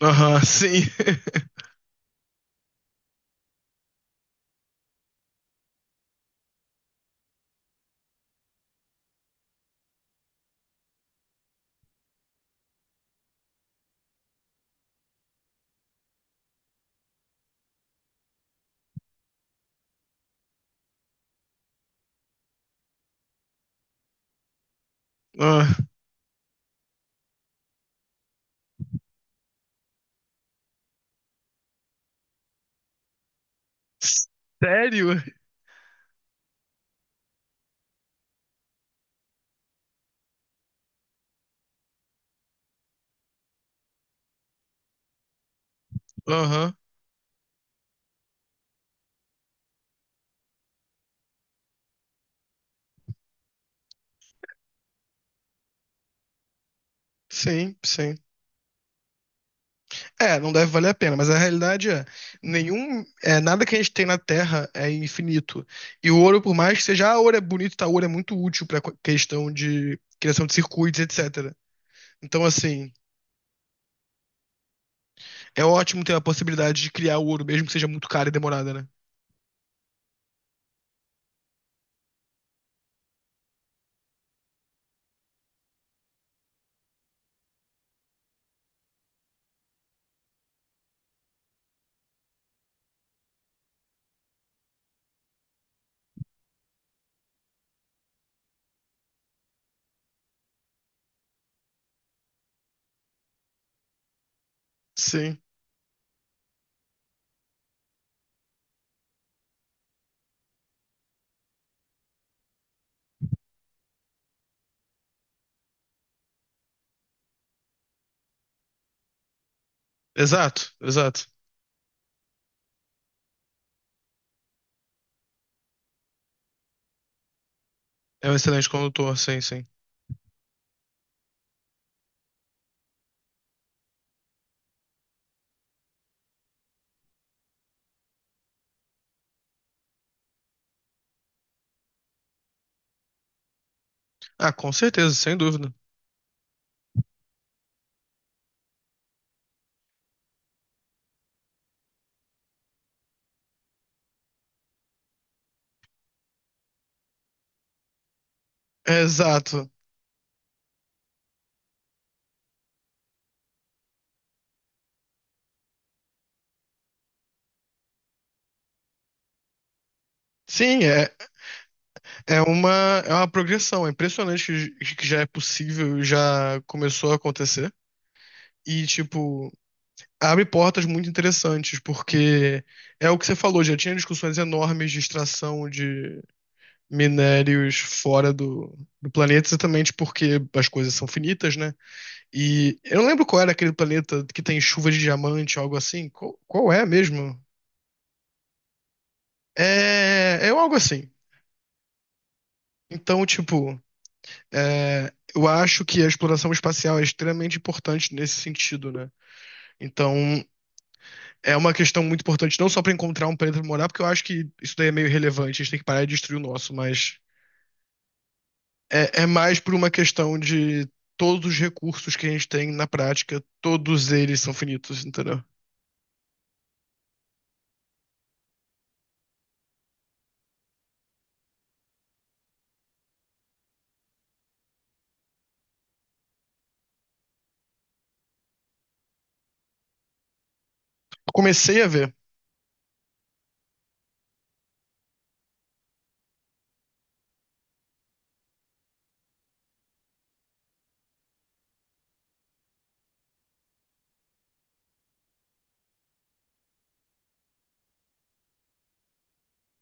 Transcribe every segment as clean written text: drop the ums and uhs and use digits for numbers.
Aham, sim. Ah, sério? Aham, sim, sim. É, não deve valer a pena, mas a realidade é, nada que a gente tem na Terra é infinito. E o ouro, por mais que seja, ah, ouro é bonito, tá, ouro é muito útil pra questão de criação de circuitos, etc. Então, assim, é ótimo ter a possibilidade de criar o ouro, mesmo que seja muito caro e demorada, né? Sim. Exato, exato. É um excelente condutor, sim, sim. Ah, com certeza, sem dúvida. Exato. Sim, é, é uma, é uma progressão. É impressionante que já é possível, já começou a acontecer. E, tipo. Abre portas muito interessantes, porque é o que você falou, já tinha discussões enormes de extração de minérios fora do planeta, exatamente porque as coisas são finitas, né? E eu não lembro qual era aquele planeta que tem chuva de diamante, algo assim. Qual é mesmo? É algo assim. Então, tipo, eu acho que a exploração espacial é extremamente importante nesse sentido, né? Então, é uma questão muito importante, não só para encontrar um planeta pra morar, porque eu acho que isso daí é meio relevante, a gente tem que parar de destruir o nosso, mas é mais por uma questão de todos os recursos que a gente tem na prática, todos eles são finitos, entendeu? Eu comecei a ver.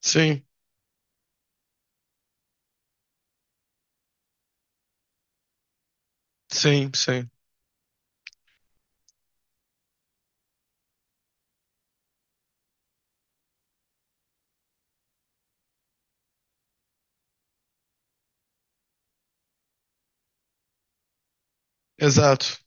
Sim, sim, sim. Exato.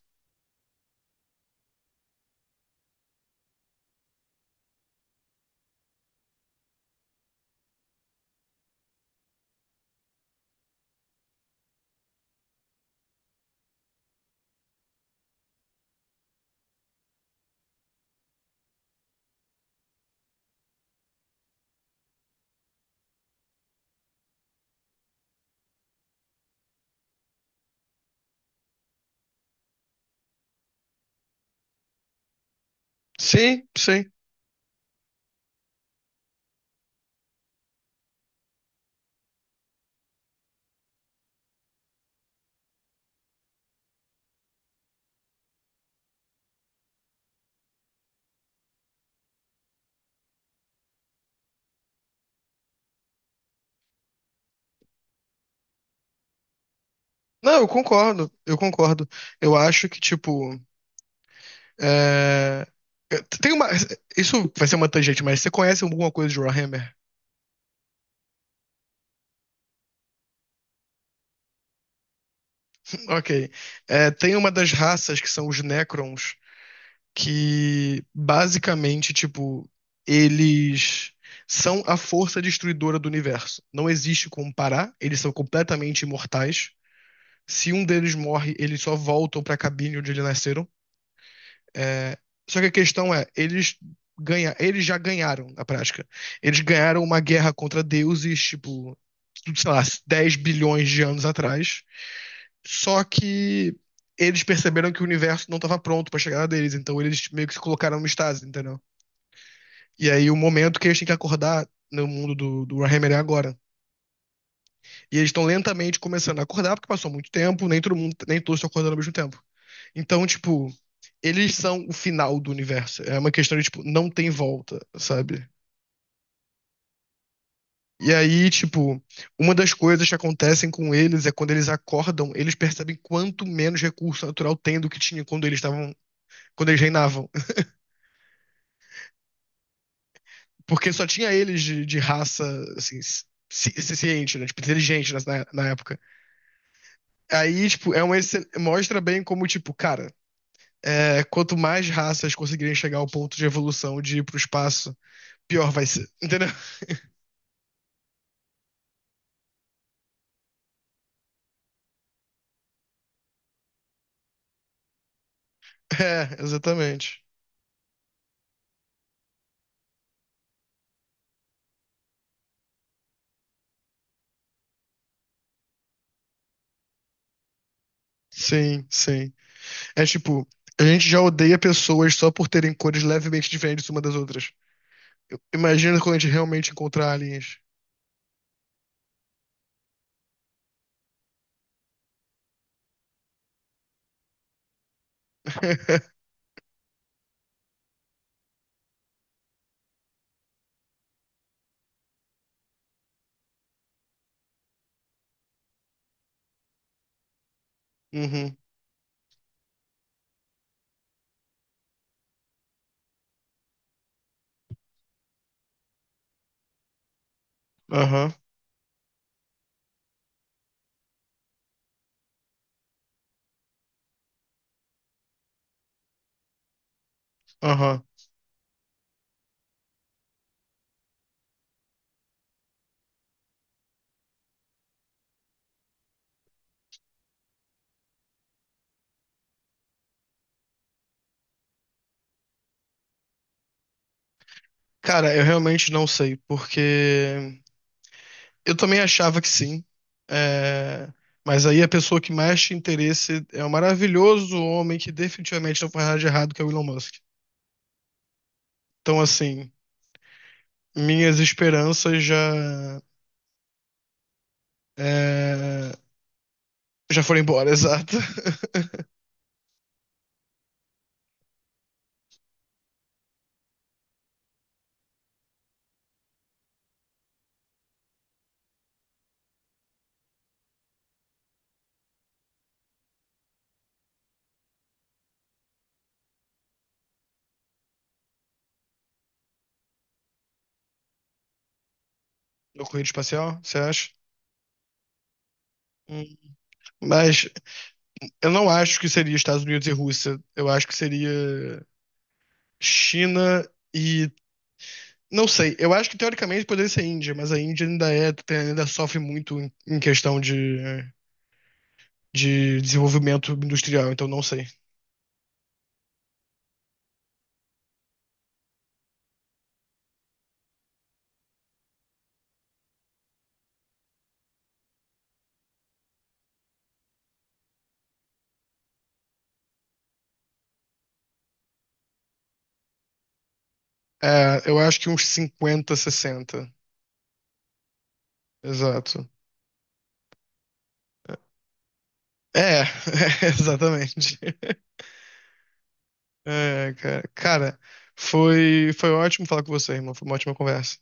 Sim, sim. Não, eu concordo, eu concordo. Eu acho que, tipo, é, tem uma. Isso vai ser uma tangente, mas você conhece alguma coisa de Warhammer? Ok. É, tem uma das raças que são os Necrons, que basicamente, tipo, eles são a força destruidora do universo. Não existe como parar, eles são completamente imortais. Se um deles morre, eles só voltam pra cabine onde eles nasceram. É, só que a questão é, eles já ganharam na prática. Eles ganharam uma guerra contra deuses, tipo, sei lá, 10 bilhões de anos atrás. Só que eles perceberam que o universo não estava pronto pra chegar deles, então eles meio que se colocaram no estase, entendeu? E aí o momento que eles têm que acordar no mundo do Warhammer é agora. E eles estão lentamente começando a acordar, porque passou muito tempo, nem todo mundo, nem todos estão acordando ao mesmo tempo. Então, tipo, eles são o final do universo. É uma questão de, tipo, não tem volta, sabe? E aí, tipo, uma das coisas que acontecem com eles é quando eles acordam, eles percebem quanto menos recurso natural tem do que tinha quando eles estavam, quando eles reinavam. Porque só tinha eles de raça, assim, ciente, né? Tipo, inteligente na época. Aí, tipo, mostra bem como, tipo, cara, quanto mais raças conseguirem chegar ao ponto de evolução de ir pro espaço, pior vai ser. Entendeu? É, exatamente. Sim, sim. É tipo, a gente já odeia pessoas só por terem cores levemente diferentes uma das outras. Imagina quando a gente realmente encontrar aliens. Uhum, aham, aham. Cara, eu realmente não sei, porque eu também achava que sim. É, mas aí a pessoa que mais tinha interesse é o maravilhoso homem que definitivamente não faz nada de errado, que é o Elon Musk. Então, assim, minhas esperanças é, já foram embora, exato. No corrida espacial, você acha? Hum. Mas eu não acho que seria Estados Unidos e Rússia. Eu acho que seria China e. Não sei. Eu acho que teoricamente poderia ser Índia, mas a Índia ainda ainda sofre muito em questão de desenvolvimento industrial, então não sei. É, eu acho que uns 50, 60. Exato. É, exatamente. É, cara, foi ótimo falar com você, irmão. Foi uma ótima conversa.